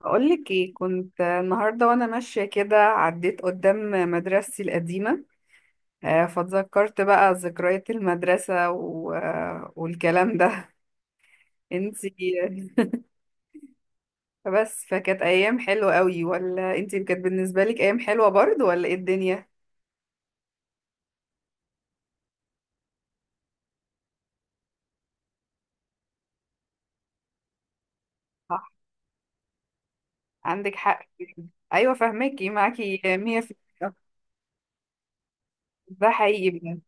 بقولك ايه؟ كنت النهارده وانا ماشيه كده، عديت قدام مدرستي القديمه. فاتذكرت بقى ذكريات المدرسه و... آه، والكلام ده. انتي. بس فكانت ايام حلوه قوي، ولا انتي كانت بالنسبه لك ايام حلوه برضه، ولا ايه الدنيا؟ صح، عندك حق. ايوه، فهماكي، معاكي. 100%. ده حقيقي بجد.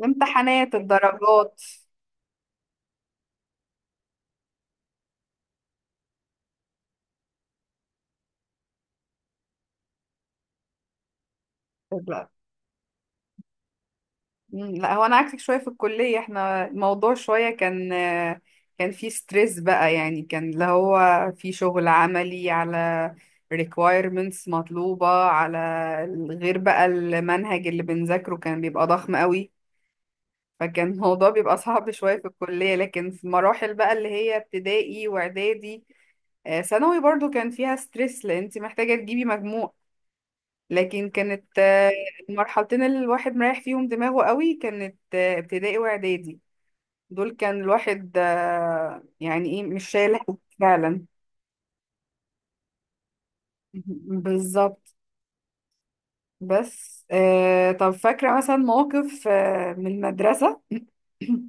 الامتحانات، الدرجات. لا، هو انا عكسك شويه. في الكليه احنا الموضوع شويه كان، في ستريس بقى، يعني كان اللي هو في شغل عملي، على requirements مطلوبه، على غير بقى المنهج اللي بنذاكره كان بيبقى ضخم قوي. فكان الموضوع بيبقى صعب شويه في الكليه. لكن في مراحل بقى اللي هي ابتدائي واعدادي ثانوي برضو كان فيها ستريس، لان انت محتاجه تجيبي مجموع. لكن كانت المرحلتين اللي الواحد مريح فيهم دماغه قوي كانت ابتدائي واعدادي. دول كان الواحد يعني ايه، مش شايل هم فعلا. بالظبط. بس طب فاكرة مثلا موقف من المدرسة؟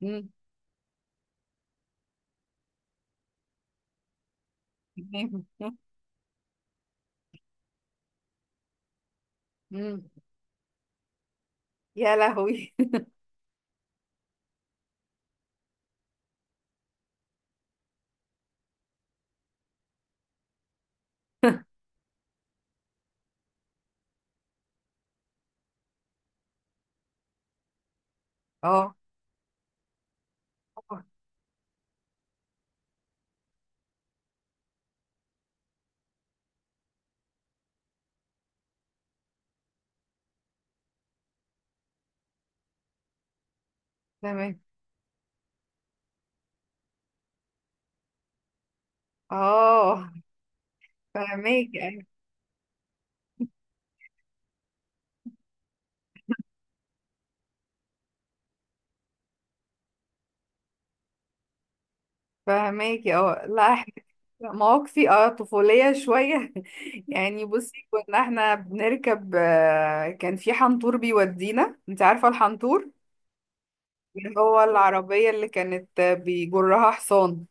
مم. مم. يا لهوي. اه. آه، تمام. اه. فاهمك. فهماكي. اه لا احنا. مواقفي اه طفولية شوية. يعني بصي، كنا احنا بنركب كان في حنطور بيودينا، انت عارفة الحنطور؟ اللي هو العربية اللي كانت بيجرها حصان.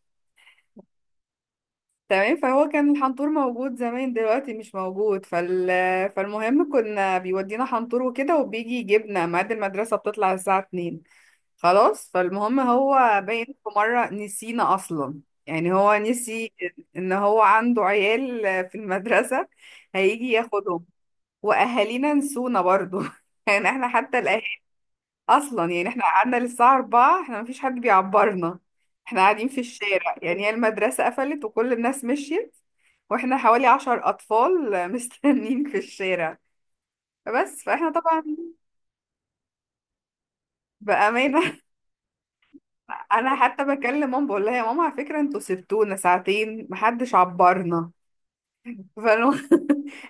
تمام. فهو كان الحنطور موجود زمان، دلوقتي مش موجود. فالمهم، كنا بيودينا حنطور وكده، وبيجي يجيبنا ميعاد المدرسة بتطلع الساعة 2. خلاص. فالمهم هو باين في مرة نسينا أصلا، يعني هو نسي إن هو عنده عيال في المدرسة، هيجي ياخدهم. وأهالينا نسونا برضو. يعني احنا حتى الأهالي أصلا. يعني احنا قعدنا للساعة 4، احنا مفيش حد بيعبرنا. احنا قاعدين في الشارع، يعني هي المدرسة قفلت وكل الناس مشيت، واحنا حوالي 10 أطفال مستنيين في الشارع. بس فاحنا طبعا بأمانة، انا حتى بكلم ماما بقول لها: يا ماما، على فكره انتوا سبتونا ساعتين، محدش عبرنا. فأنا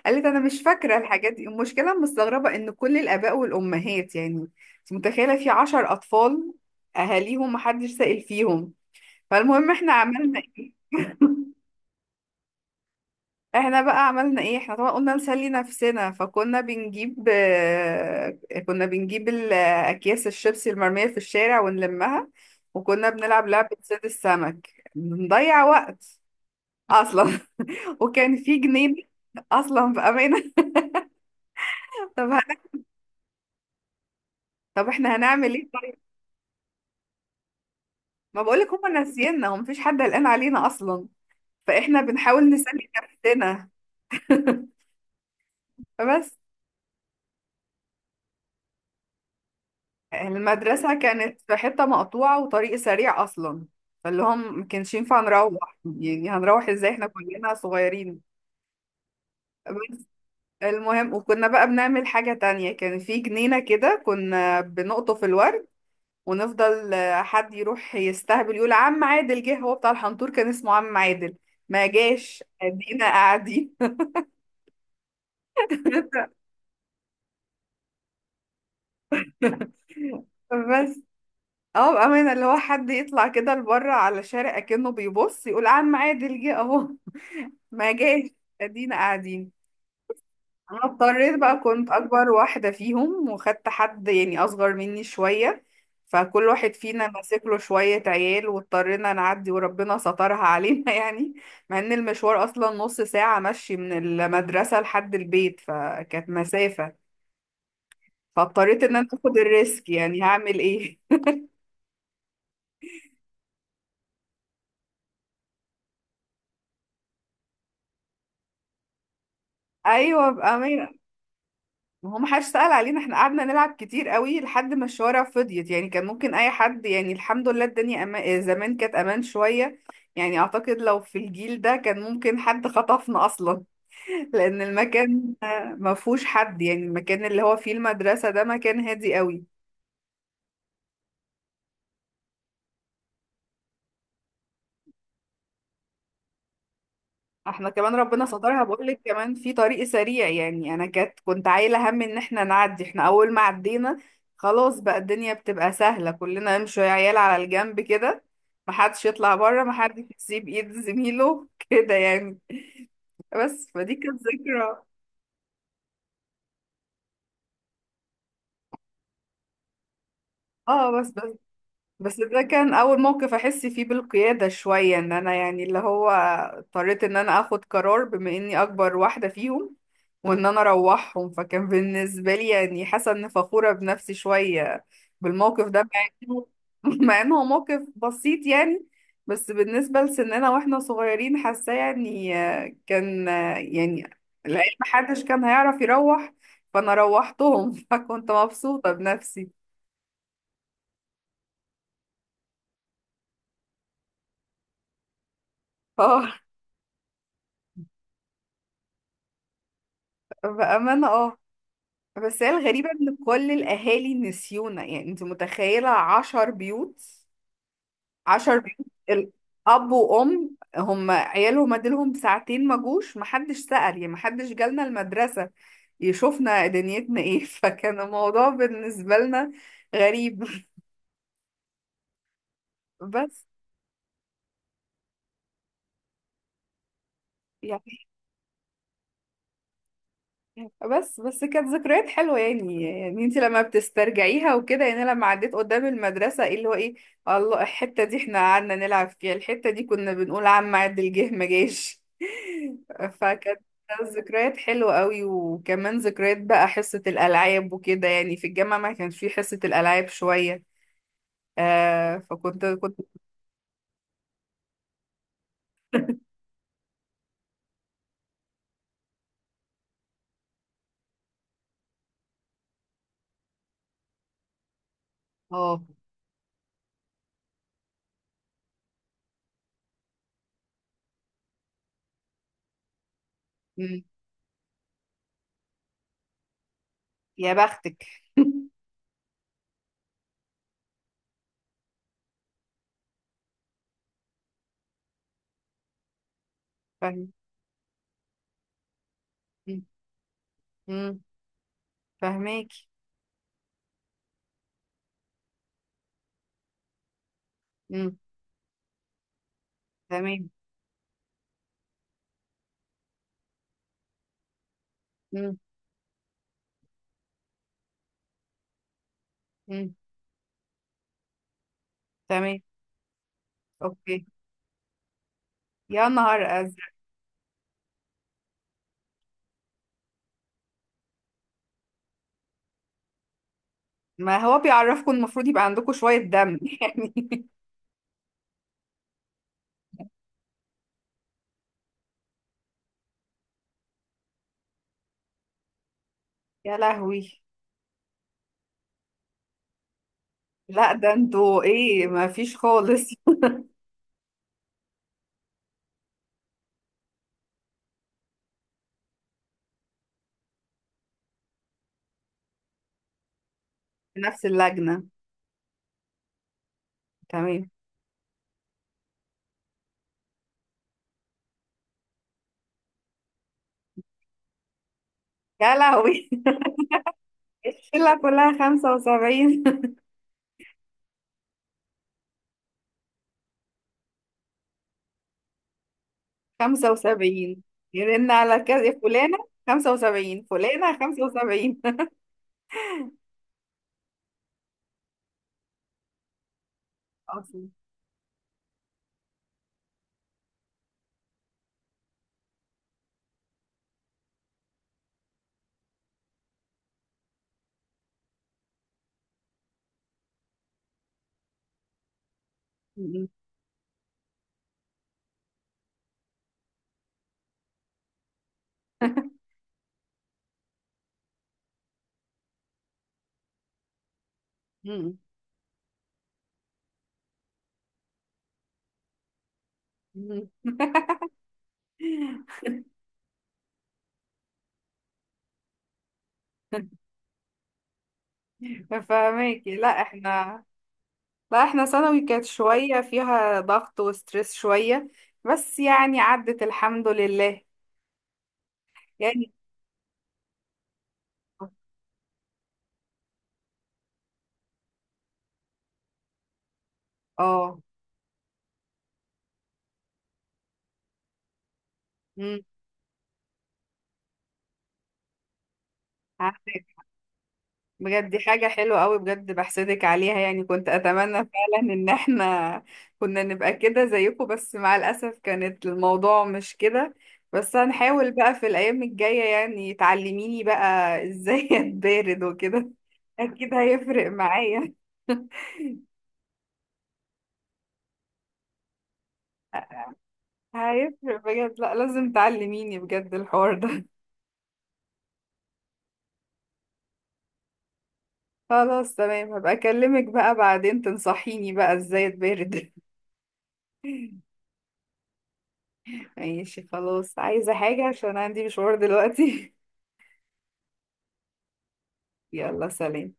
قالت: انا مش فاكره الحاجات دي. المشكله أنا مستغربه ان كل الاباء والامهات، يعني انت متخيله في 10 اطفال اهاليهم محدش سائل فيهم؟ فالمهم احنا عملنا ايه؟ احنا بقى عملنا ايه؟ احنا طبعا قلنا نسلي نفسنا. فكنا بنجيب كنا بنجيب اكياس الشيبسي المرمية في الشارع، ونلمها، وكنا بنلعب لعبة صيد السمك، بنضيع وقت. اصلا. وكان في جنين، اصلا، في امانة. طب هن... طب احنا هنعمل ايه؟ ما بقولك هما ناسينا، هم مفيش حد قلقان علينا اصلا، فاحنا بنحاول نسلي نفسنا. فبس. المدرسة كانت في حتة مقطوعة وطريق سريع أصلا، فاللي هم ما كانش ينفع نروح، يعني هنروح ازاي احنا كلنا صغيرين؟ بس المهم، وكنا بقى بنعمل حاجة تانية، كان في جنينة كده كنا بنقطف الورد، ونفضل حد يروح يستهبل يقول: عم عادل جه. هو بتاع الحنطور كان اسمه عم عادل. ما جاش، ادينا قاعدين. بس اه بأمانة، اللي هو حد يطلع كده لبره على شارع كأنه بيبص يقول: عم عادل جه اهو. ما جاش، ادينا قاعدين. انا اضطريت بقى، كنت اكبر واحدة فيهم، وخدت حد يعني اصغر مني شوية، فكل واحد فينا ماسك له شوية عيال، واضطرينا نعدي وربنا سترها علينا. يعني مع ان المشوار اصلا نص ساعة مشي من المدرسة لحد البيت، فكانت مسافة. فاضطريت ان انا اخد الريسك، يعني هعمل ايه؟ ايوه بأمانة. ما هو ما حدش سأل علينا، احنا قعدنا نلعب كتير قوي لحد ما الشوارع فضيت، يعني كان ممكن اي حد. يعني الحمد لله، الدنيا زمان كانت امان شوية، يعني اعتقد لو في الجيل ده كان ممكن حد خطفنا اصلا. لان المكان ما فيهوش حد، يعني المكان اللي هو فيه المدرسة ده مكان هادي قوي. احنا كمان ربنا سترها، بقول لك كمان في طريق سريع، يعني انا كانت كنت عايله هم ان احنا نعدي. احنا اول ما عدينا، خلاص بقى الدنيا بتبقى سهله. كلنا نمشي يا عيال على الجنب كده، محدش يطلع بره، محدش يسيب ايد زميله كده يعني. بس فدي كانت ذكرى. اه بس. بس ده كان اول موقف احس فيه بالقيادة شوية، ان انا يعني اللي هو اضطريت ان انا اخد قرار بما اني اكبر واحدة فيهم، وان انا اروحهم، فكان بالنسبة لي يعني حاسة ان فخورة بنفسي شوية بالموقف ده. مع انه مع انه موقف بسيط يعني، بس بالنسبة لسننا واحنا صغيرين حاساه، يعني كان يعني العيال محدش كان هيعرف يروح، فانا روحتهم. فكنت مبسوطة بنفسي. اه بأمانة، اه. بس هي الغريبة ان كل الاهالي نسيونا، يعني انت متخيلة 10 بيوت؟ 10 بيوت، الاب وام هم عيالهم اديلهم ساعتين ما جوش، محدش سأل، يعني محدش جالنا المدرسة يشوفنا دنيتنا ايه. فكان الموضوع بالنسبة لنا غريب. بس يعني بس كانت ذكريات حلوة يعني. يعني انت لما بتسترجعيها وكده، يعني أنا لما عديت قدام المدرسة، ايه اللي هو ايه الله، الحتة دي احنا قعدنا نلعب فيها، الحتة دي كنا بنقول عم عد الجه، ما جاش. فكانت ذكريات حلوة قوي. وكمان ذكريات بقى حصة الألعاب وكده، يعني في الجامعة ما كانش في حصة الألعاب شوية، فكنت اه. مم. يا بختك. فاهم. مم. مم. فاهماكي. مم. تمام. مم. مم. تمام. اوكي. يا نهار ازرق. ما هو بيعرفكم، المفروض يبقى عندكم شوية دم. يعني يا لهوي. لا ده انتوا ايه، ما فيش خالص. في نفس اللجنة، تمام. يا لهوي. الشلة كلها 75. 75، يرن على كذا فلانة، 75، فلانة خمسة وسبعين. أصلا. م- م- م- م- فهماكي لا احنا. بقى احنا ثانوي كانت شوية فيها ضغط وستريس شوية، بس يعني عدت الحمد لله. يعني اه، امم، عدت بجد. دي حاجة حلوة قوي بجد، بحسدك عليها يعني. كنت أتمنى فعلا إن احنا كنا نبقى كده زيكم، بس مع الأسف كانت الموضوع مش كده. بس هنحاول بقى في الأيام الجاية، يعني تعلميني بقى إزاي أتبارد وكده، أكيد هيفرق معايا. هيفرق بجد، لا لازم تعلميني بجد الحوار ده. خلاص تمام، هبقى اكلمك بقى بعدين تنصحيني بقى ازاي اتبرد. ماشي، خلاص، عايزة حاجة عشان عندي مشوار دلوقتي. يلا سلام.